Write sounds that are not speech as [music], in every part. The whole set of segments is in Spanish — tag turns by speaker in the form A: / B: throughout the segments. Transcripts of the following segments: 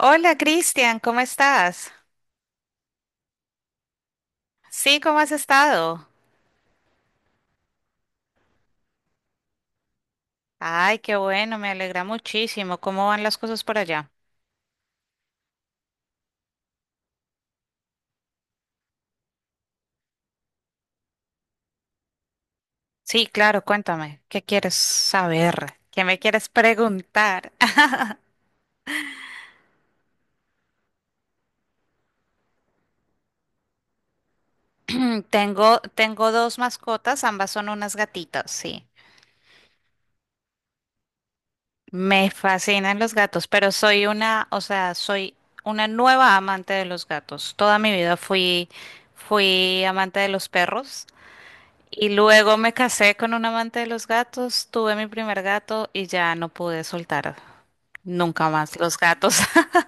A: Hola Cristian, ¿cómo estás? Sí, ¿cómo has estado? Ay, qué bueno, me alegra muchísimo. ¿Cómo van las cosas por allá? Sí, claro, cuéntame, ¿qué quieres saber? ¿Qué me quieres preguntar? [clears throat] Tengo dos mascotas, ambas son unas gatitas, sí. Me fascinan los gatos, pero o sea, soy una nueva amante de los gatos. Toda mi vida fui amante de los perros. Y luego me casé con un amante de los gatos, tuve mi primer gato y ya no pude soltar nunca más los gatos. [laughs]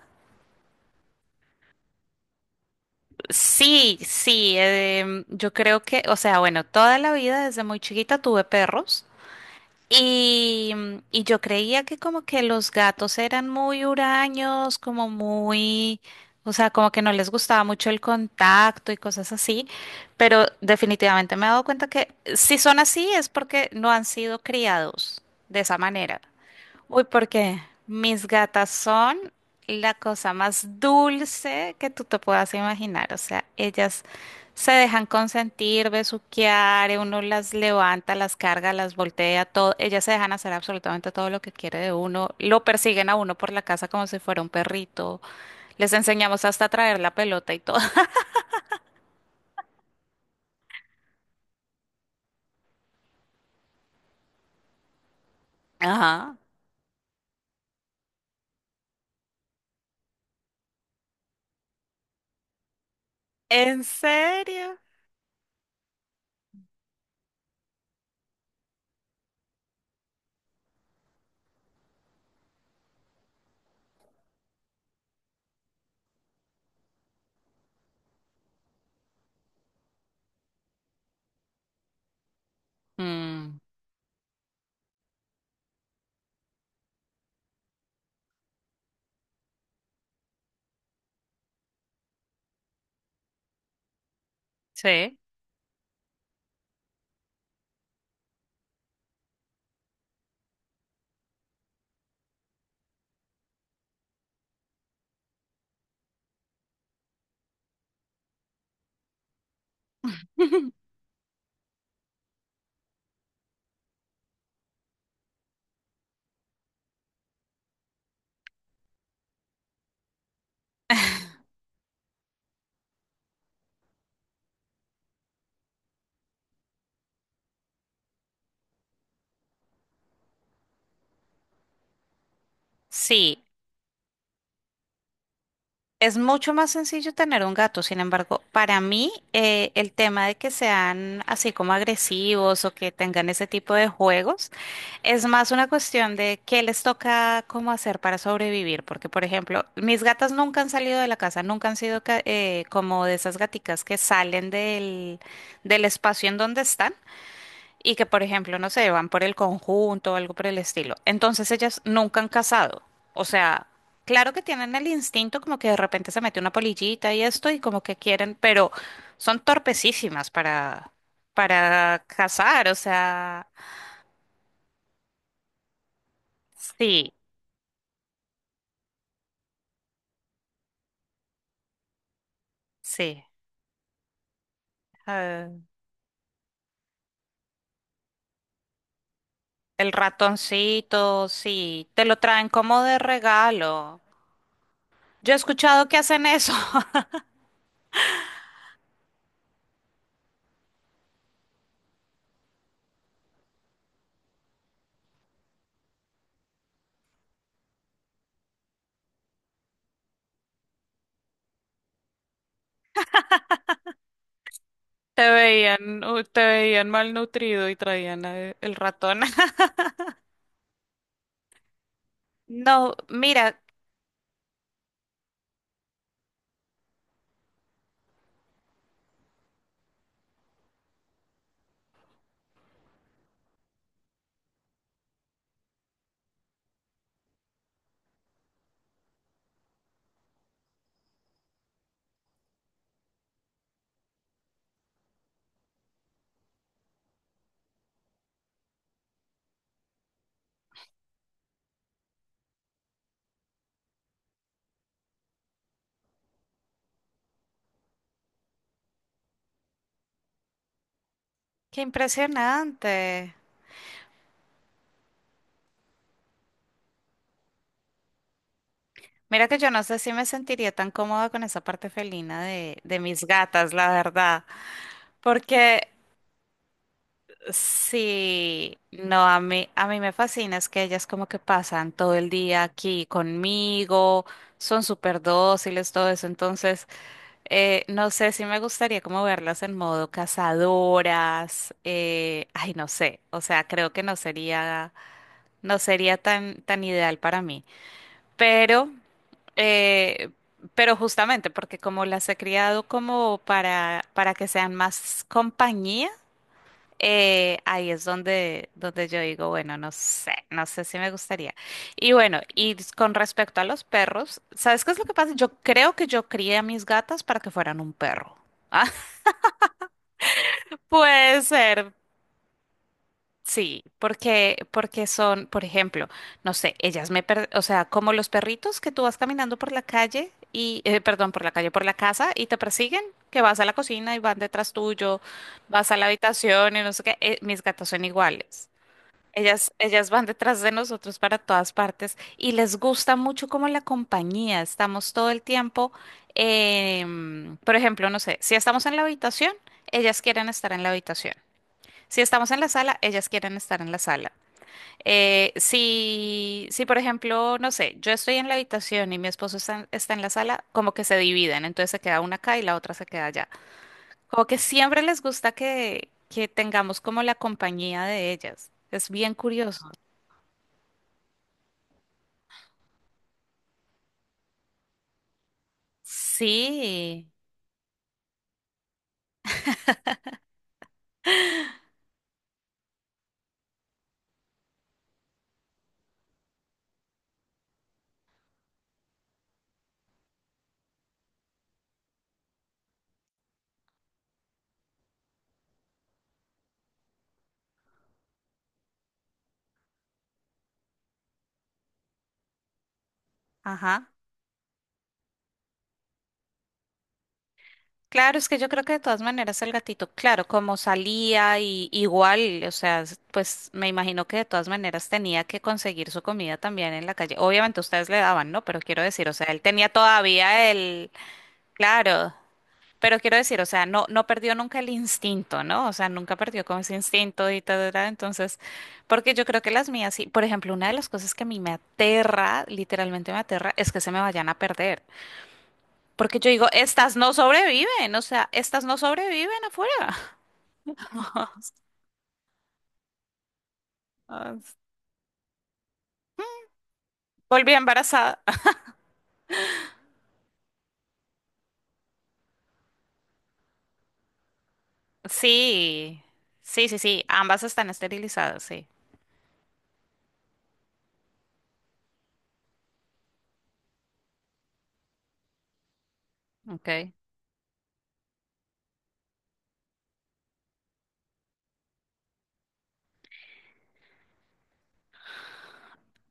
A: Sí, sí, yo creo que, o sea, bueno, toda la vida desde muy chiquita tuve perros. Y, y yo creía que como que los gatos eran muy huraños, como muy, o sea, como que no les gustaba mucho el contacto y cosas así, pero definitivamente me he dado cuenta que si son así es porque no han sido criados de esa manera. Uy, porque mis gatas son la cosa más dulce que tú te puedas imaginar. O sea, ellas se dejan consentir, besuquear, uno las levanta, las carga, las voltea, todo. Ellas se dejan hacer absolutamente todo lo que quiere de uno. Lo persiguen a uno por la casa como si fuera un perrito. Les enseñamos hasta a traer la pelota y todo. [laughs] Ajá. ¿En serio? Mm, sí. [laughs] Sí. Es mucho más sencillo tener un gato, sin embargo, para mí el tema de que sean así como agresivos o que tengan ese tipo de juegos es más una cuestión de qué les toca cómo hacer para sobrevivir, porque por ejemplo, mis gatas nunca han salido de la casa, nunca han sido como de esas gaticas que salen del, del espacio en donde están y que, por ejemplo, no sé, van por el conjunto o algo por el estilo. Entonces ellas nunca han casado. O sea, claro que tienen el instinto como que de repente se mete una polillita y esto y como que quieren, pero son torpecísimas para casar. O sea, sí, sí. Ah, el ratoncito, sí, te lo traen como de regalo. Yo he escuchado que hacen eso. [laughs] Te veían malnutrido y traían el ratón. No, mira, qué impresionante. Mira que yo no sé si me sentiría tan cómoda con esa parte felina de mis gatas, la verdad. Porque sí, no, a mí me fascina es que ellas como que pasan todo el día aquí conmigo, son súper dóciles, todo eso. Entonces, no sé si me gustaría como verlas en modo cazadoras. Ay, no sé. O sea, creo que no sería tan, tan ideal para mí. Pero, eh, pero justamente porque como las he criado como para que sean más compañía, ahí es donde, yo digo, bueno, no sé, no sé si me gustaría. Y bueno, y con respecto a los perros, ¿sabes qué es lo que pasa? Yo creo que yo crié a mis gatas para que fueran un perro. [laughs] Puede ser. Sí, porque, porque son, por ejemplo, no sé, ellas o sea, como los perritos que tú vas caminando por la calle y, perdón, por la calle, por la casa y te persiguen, que vas a la cocina y van detrás tuyo, vas a la habitación y no sé qué, mis gatas son iguales. Ellas van detrás de nosotros para todas partes y les gusta mucho como la compañía. Estamos todo el tiempo, por ejemplo, no sé, si estamos en la habitación, ellas quieren estar en la habitación. Si estamos en la sala, ellas quieren estar en la sala. Si, por ejemplo, no sé, yo estoy en la habitación y mi esposo está en la sala, como que se dividen, entonces se queda una acá y la otra se queda allá. Como que siempre les gusta que tengamos como la compañía de ellas. Es bien curioso. Sí, ajá. Claro, es que yo creo que de todas maneras el gatito, claro, como salía y igual, o sea, pues me imagino que de todas maneras tenía que conseguir su comida también en la calle. Obviamente ustedes le daban, ¿no? Pero quiero decir, o sea, él tenía todavía el, claro, pero quiero decir, o sea, no, no perdió nunca el instinto, ¿no? O sea, nunca perdió como ese instinto y todo, ¿verdad? Entonces, porque yo creo que las mías, sí, por ejemplo, una de las cosas que a mí me aterra, literalmente me aterra, es que se me vayan a perder. Porque yo digo, estas no sobreviven, o sea, estas no sobreviven afuera. [laughs] Ah, volví embarazada. Sí, sí, sí, sí, ambas están esterilizadas, sí. Okay.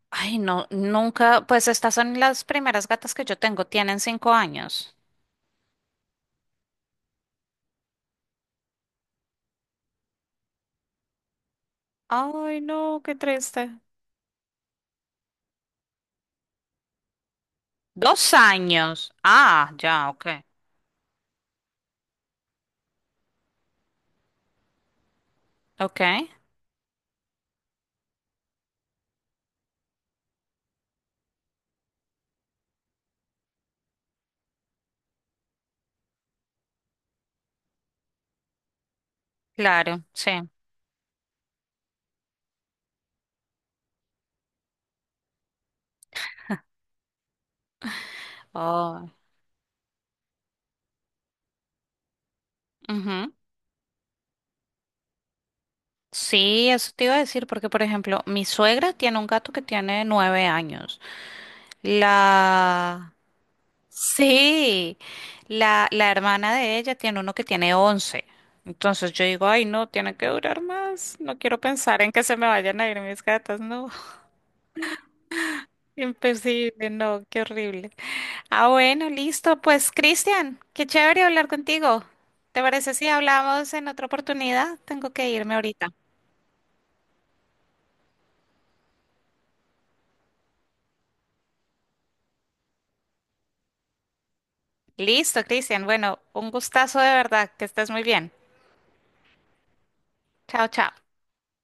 A: Ay, no, nunca, pues estas son las primeras gatas que yo tengo, tienen 5 años. Ay, no, qué triste. 2 años. Ah, ya, ok. Ok, claro, sí. Oh, ujú. Sí, eso te iba a decir, porque por ejemplo, mi suegra tiene un gato que tiene 9 años. La... Sí, la hermana de ella tiene uno que tiene 11. Entonces yo digo, ay, no, tiene que durar más. No quiero pensar en que se me vayan a ir mis gatas. No, [laughs] imposible, no, qué horrible. Ah, bueno, listo. Pues, Cristian, qué chévere hablar contigo. ¿Te parece si hablamos en otra oportunidad? Tengo que irme ahorita. Listo, Cristian. Bueno, un gustazo de verdad. Que estés muy bien. Chao, chao.